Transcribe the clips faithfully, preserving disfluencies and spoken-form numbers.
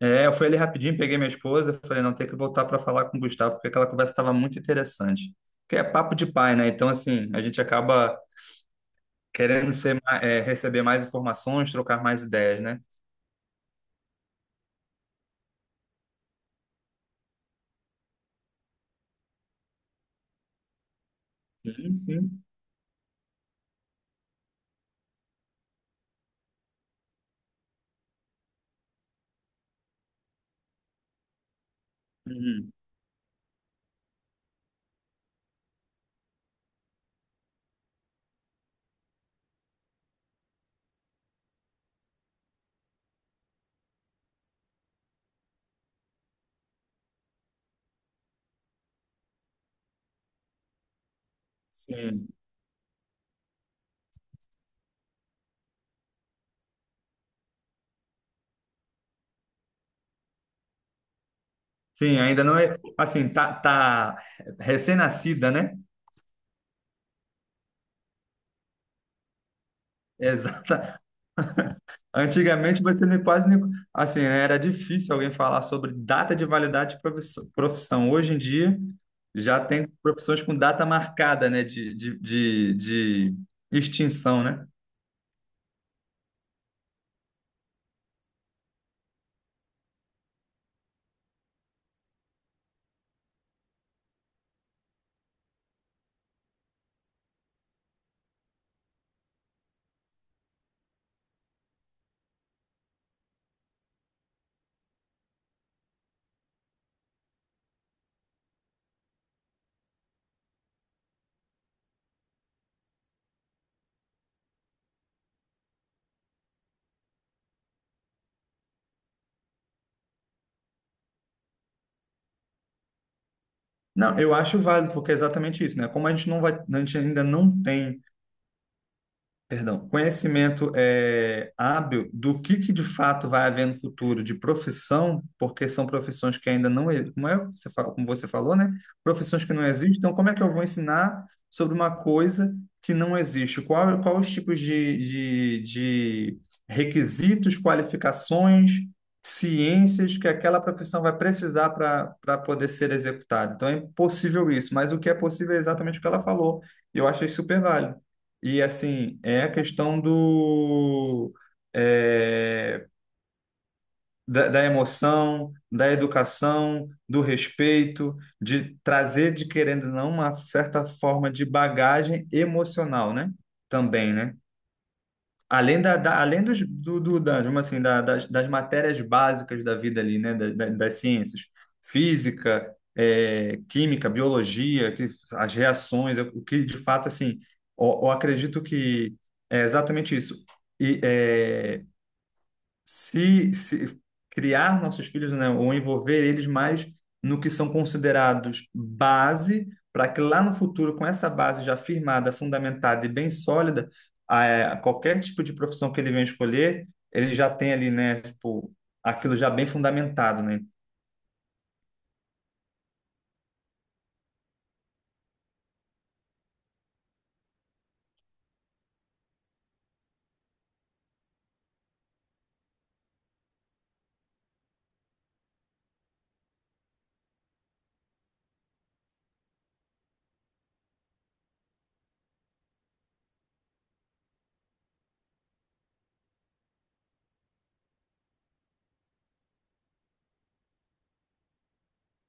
É, eu fui ali rapidinho, peguei minha esposa, falei, não, tem que voltar para falar com o Gustavo, porque aquela conversa estava muito interessante. Porque é papo de pai, né? Então, assim, a gente acaba querendo ser, ma- é, receber mais informações, trocar mais ideias, né? Sim, sim. Uhum. Sim. Sim, ainda não é, assim, tá, tá recém-nascida, né? Exato. Antigamente você nem quase nem, assim, né, era difícil alguém falar sobre data de validade de profiss- profissão. Hoje em dia já tem profissões com data marcada, né, de, de, de, de extinção, né? Não, eu acho válido porque é exatamente isso, né? Como a gente não vai, a gente ainda não tem. Perdão, conhecimento é, hábil do que, que de fato vai haver no futuro de profissão, porque são profissões que ainda não, e- como é, você fala, como você falou, né? Profissões que não existem. Então, como é que eu vou ensinar sobre uma coisa que não existe? Qual, qual os tipos de, de, de requisitos, qualificações, ciências que aquela profissão vai precisar para para poder ser executada? Então, é impossível isso, mas o que é possível é exatamente o que ela falou. E eu achei super válido. E assim, é a questão do, é, da, da emoção, da educação, do respeito, de trazer, de querendo ou não, uma certa forma de bagagem emocional, né? Também, né? Além da, da- além dos, do, do- da, digamos assim, da- das, das matérias básicas da vida ali, né, da- da- das ciências, física, eh, química, biologia, que, as reações, é, o que de fato, assim, eu, eu acredito que é exatamente isso. E, é, se, se criar nossos filhos, né, ou envolver eles mais no que são considerados base, para que lá no futuro, com essa base já firmada, fundamentada e bem sólida, a, qualquer tipo de profissão que ele venha escolher, ele já tem ali, né, tipo, aquilo já bem fundamentado, né?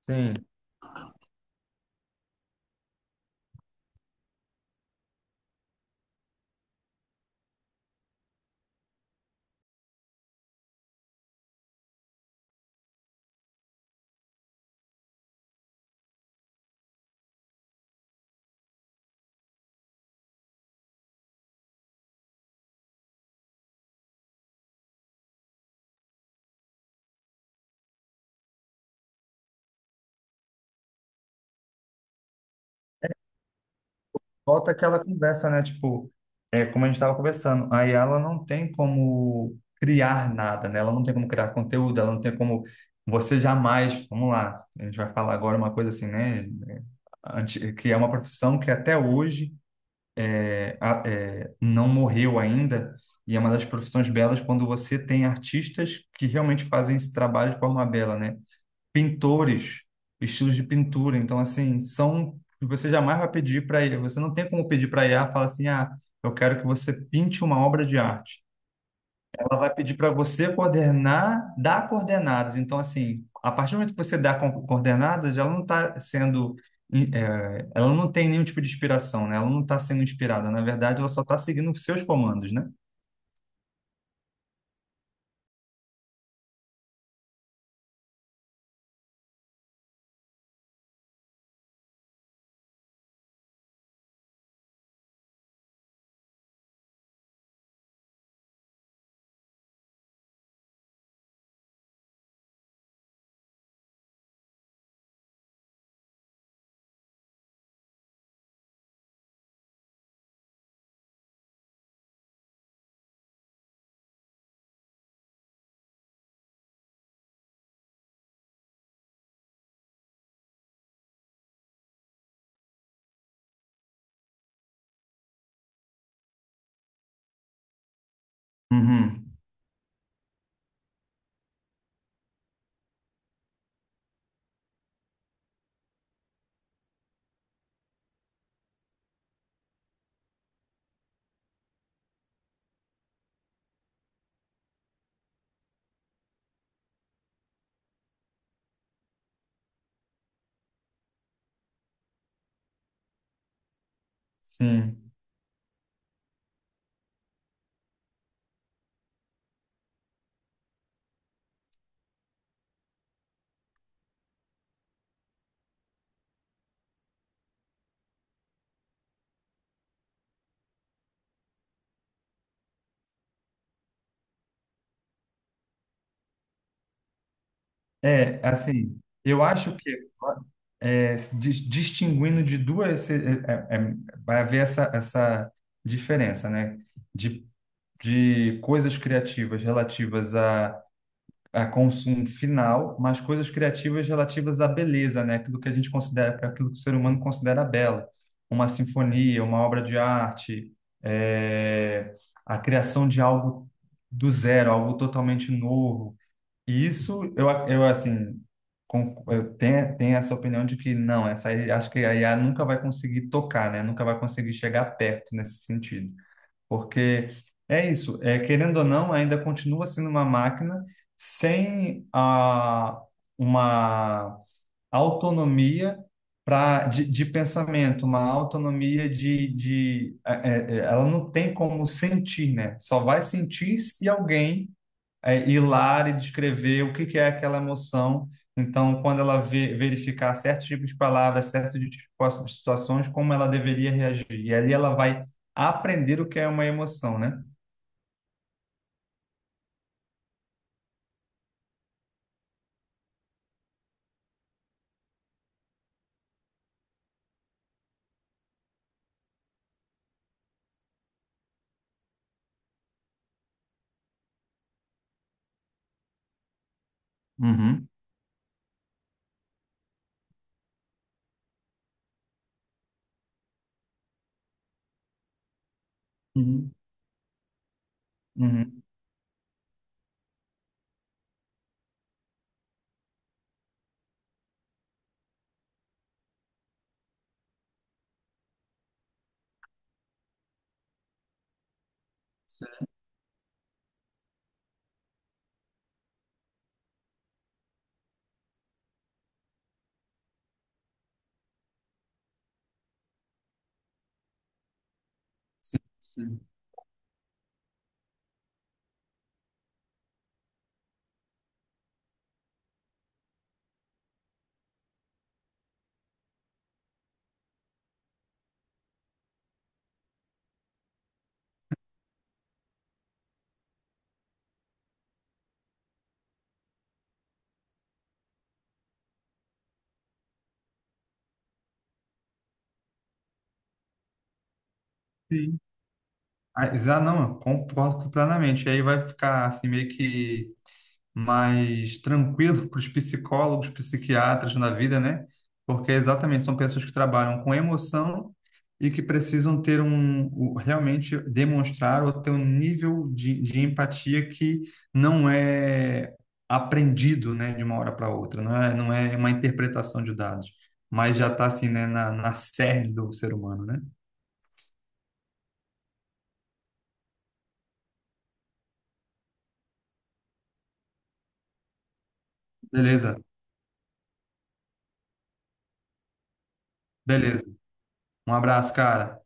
Sim. Volta aquela conversa, né? Tipo, é como a gente estava conversando, aí ela não tem como criar nada, né? Ela não tem como criar conteúdo, ela não tem como você jamais, vamos lá, a gente vai falar agora uma coisa assim, né? anti- Que é uma profissão que até hoje é, a- é, não morreu ainda e é uma das profissões belas quando você tem artistas que realmente fazem esse trabalho de forma bela, né? Pintores, estilos de pintura. Então, assim, são que você jamais vai pedir para I A. Você não tem como pedir para I A falar assim, ah, eu quero que você pinte uma obra de arte. Ela vai pedir para você coordenar, dar coordenadas. Então, assim, a partir do momento que você dá con- coordenadas, ela não está sendo, in- eh, ela não tem nenhum tipo de inspiração, né? Ela não está sendo inspirada. Na verdade, ela só está seguindo os seus comandos, né? Uhum. Sim. É, assim, eu acho que é, dis- distinguindo de duas, se- é, é, vai haver essa, essa diferença, né? De, de coisas criativas relativas a, a consumo final, mas coisas criativas relativas à beleza, né? Aquilo que a gente considera, aquilo que o ser humano considera belo. Uma sinfonia, uma obra de arte, é, a criação de algo do zero, algo totalmente novo e isso, eu, eu assim, con- eu tenho, tenho essa opinião de que não, essa aí, acho que a I A nunca vai conseguir tocar, né? Nunca vai conseguir chegar perto nesse sentido. Porque é isso, é, querendo ou não, ainda continua sendo uma máquina sem a, uma autonomia pra, de, de pensamento, uma autonomia de, de é, é, é, ela não tem como sentir, né? Só vai sentir se alguém é, ir lá e descrever o que que é aquela emoção. Então, quando ela ve- verificar certos tipos de palavras, certos tipos de situações, como ela deveria reagir. E ali ela vai aprender o que é uma emoção, né? Uhum. Uhum. Uhum. Certo, sim, sim. Sim. Ah, exa- não, eu concordo plenamente. Aí vai ficar assim meio que mais tranquilo para os psicólogos, psiquiatras na vida, né? Porque é exatamente são pessoas que trabalham com emoção e que precisam ter um, o- realmente demonstrar ou ter um nível de, de empatia que não é aprendido, né, de uma hora para outra, não é, não é uma interpretação de dados, mas já está assim, né, na, na cerne do ser humano, né? Beleza, beleza. Um abraço, cara.